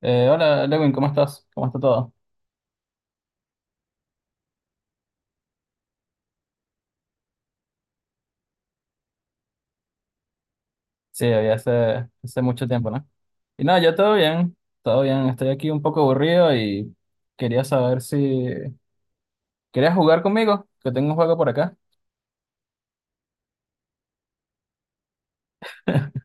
Hola, Lewin, ¿cómo estás? ¿Cómo está todo? Sí, había hace mucho tiempo, ¿no? Y nada, ya todo bien, todo bien. Estoy aquí un poco aburrido y quería saber si... ¿Querías jugar conmigo? Que tengo un juego por acá.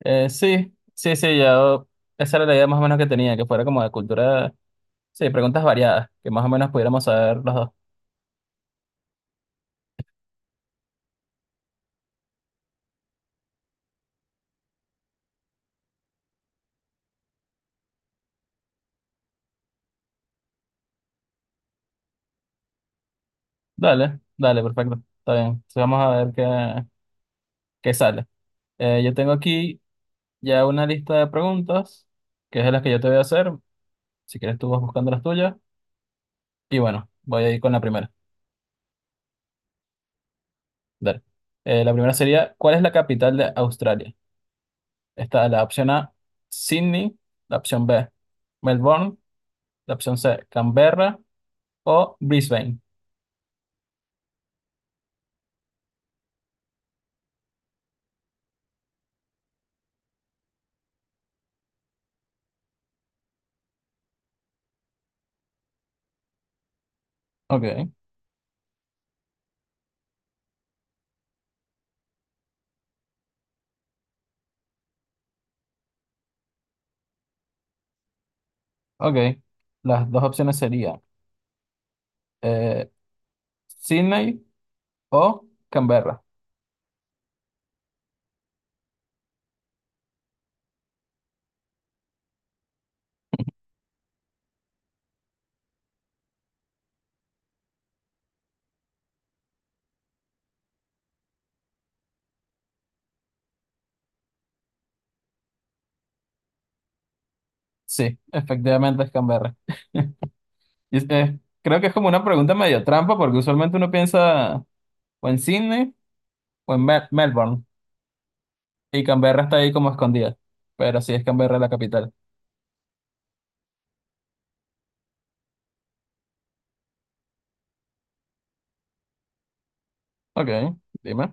Sí, sí, sí, ya. Esa era la idea más o menos que tenía, que fuera como de cultura... Sí, preguntas variadas, que más o menos pudiéramos saber los dos. Dale, dale, perfecto. Está bien. Entonces vamos a ver qué sale. Yo tengo aquí ya una lista de preguntas, que es de las que yo te voy a hacer. Si quieres tú vas buscando las tuyas. Y bueno, voy a ir con la primera. Dale. La primera sería, ¿cuál es la capital de Australia? Está la opción A, Sydney, la opción B, Melbourne, la opción C, Canberra o Brisbane. Ok, ok. Las dos opciones serían eh, Sydney o Canberra. Sí, efectivamente es Canberra. Y creo que es como una pregunta medio trampa porque usualmente uno piensa o en Sydney o en Melbourne y Canberra está ahí como escondida. Pero sí es Canberra la capital. Ok, dime.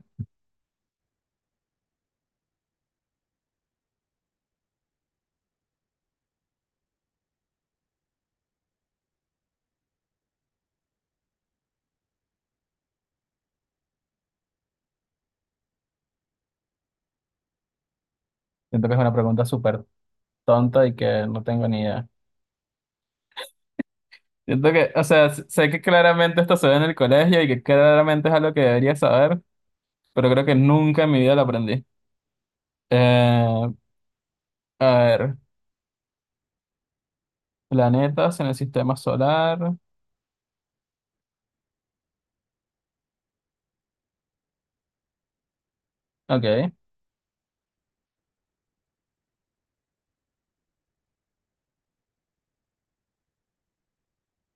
Siento que es una pregunta súper tonta y que no tengo ni idea. Siento que, o sea, sé que claramente esto se ve en el colegio y que claramente es algo que debería saber, pero creo que nunca en mi vida lo aprendí. Eh, a ver, planetas en el sistema solar. Ok,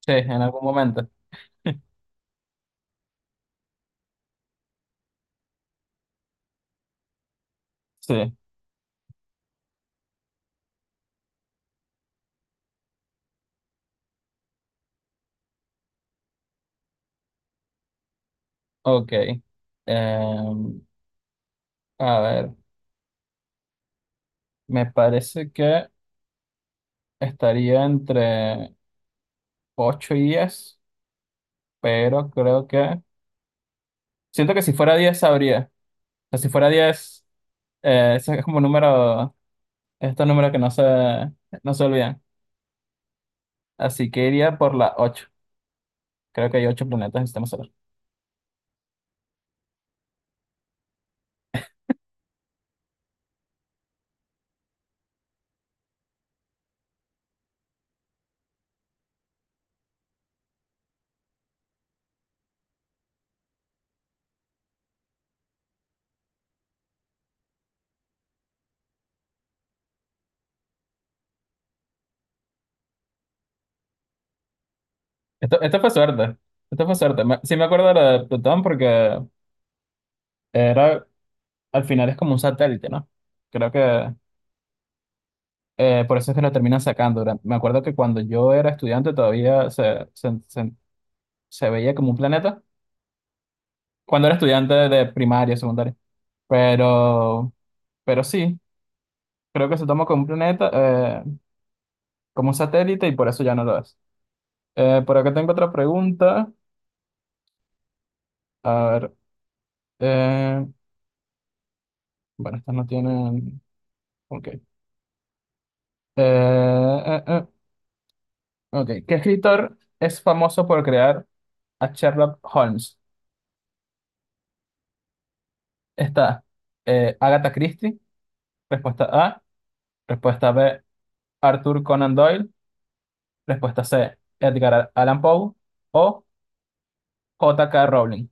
sí, en algún momento. Sí, ok. Em, a ver, me parece que estaría entre 8 y 10, pero creo que... Siento que si fuera 10 sabría. O sea, si fuera diez. Eso es como un número, estos números que no se olvidan. Así que iría por la ocho. Creo que hay 8 planetas en el sistema solar. Esto fue suerte. Esto fue suerte. Sí me acuerdo de la de Plutón porque era, al final es como un satélite, ¿no? Creo que por eso es que lo terminan sacando. Me acuerdo que cuando yo era estudiante todavía se veía como un planeta. Cuando era estudiante de primaria, secundaria. Pero, pero sí, creo que se toma como un planeta, como un satélite y por eso ya no lo es. Por acá tengo otra pregunta. A ver. eh, bueno, estas no tienen. Ok. Eh, eh, ok. ¿Qué escritor es famoso por crear a Sherlock Holmes? Está Agatha Christie. Respuesta A. Respuesta B. Arthur Conan Doyle. Respuesta C. Edgar Allan Poe. O J.K. Rowling.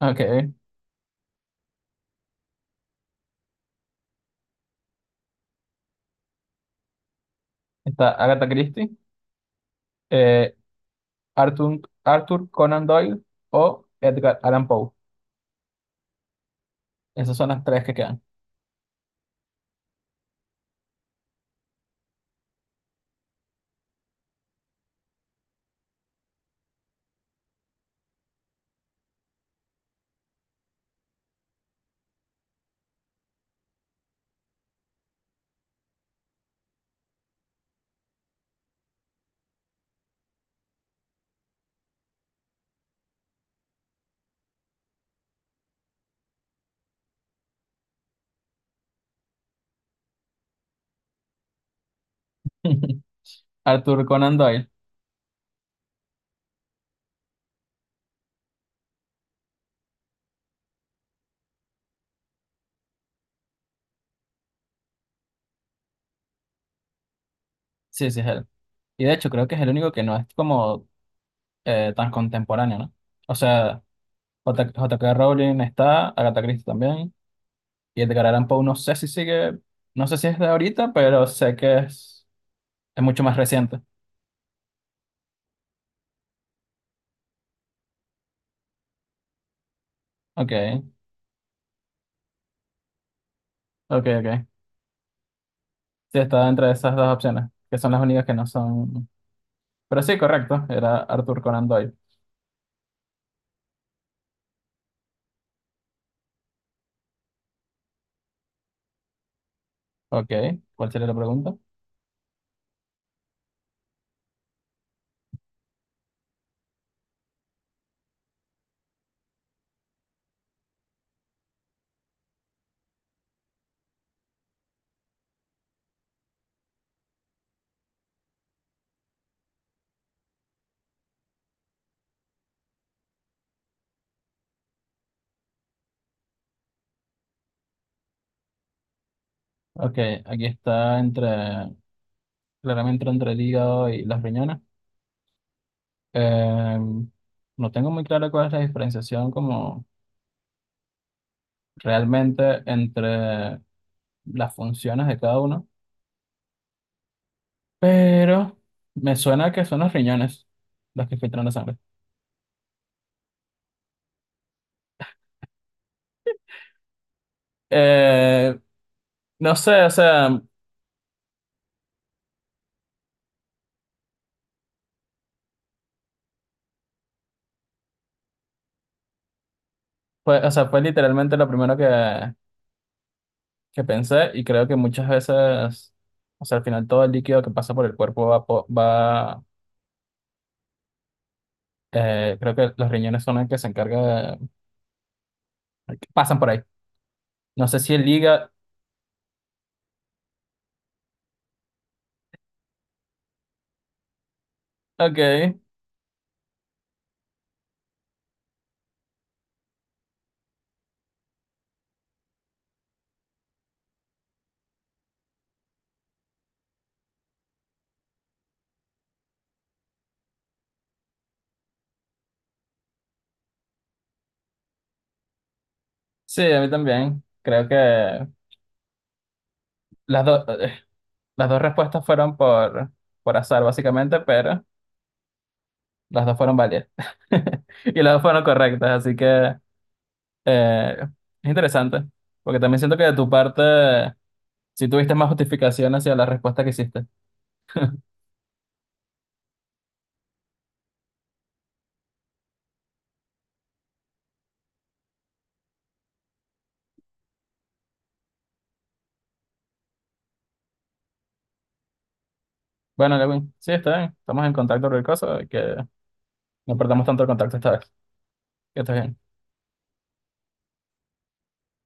Ok. Está Agatha Christie. eh, Arthur Conan Doyle. O Edgar Allan Poe. Esas son las tres que quedan. Arthur Conan Doyle. Sí, sí, es él. Y de hecho, creo que es el único que no es como tan contemporáneo, ¿no? O sea, J.K. Rowling está, Agatha Christie también, y Edgar Allan Poe no sé si sigue, no sé si es de ahorita, pero sé que es mucho más reciente. Ok, ok, ok. Sí, está entre esas dos opciones, que son las únicas que no son... Pero sí, correcto, era Arthur Conan Doyle. Ok, ¿cuál sería la pregunta? Ok, aquí está entre, claramente entre el hígado y las riñones. Eh, no tengo muy claro cuál es la diferenciación como realmente entre las funciones de cada uno, pero me suena que son los riñones los que filtran la sangre. Eh, no sé, o sea, fue literalmente lo primero que pensé y creo que muchas veces, o sea, al final todo el líquido que pasa por el cuerpo va creo que los riñones son el que se encarga de, pasan por ahí. No sé si el hígado, ok. Sí, a mí también. Creo que las, dos eh, las dos respuestas fueron por azar, básicamente, pero las dos fueron válidas. Y las dos fueron correctas, así que eh, es interesante, porque también siento que de tu parte sí tuviste más justificación hacia la respuesta que hiciste. Bueno, Lewin, sí, está bien. Estamos en contacto, cualquier cosa, y que no perdamos tanto el contacto esta vez. Que estés bien.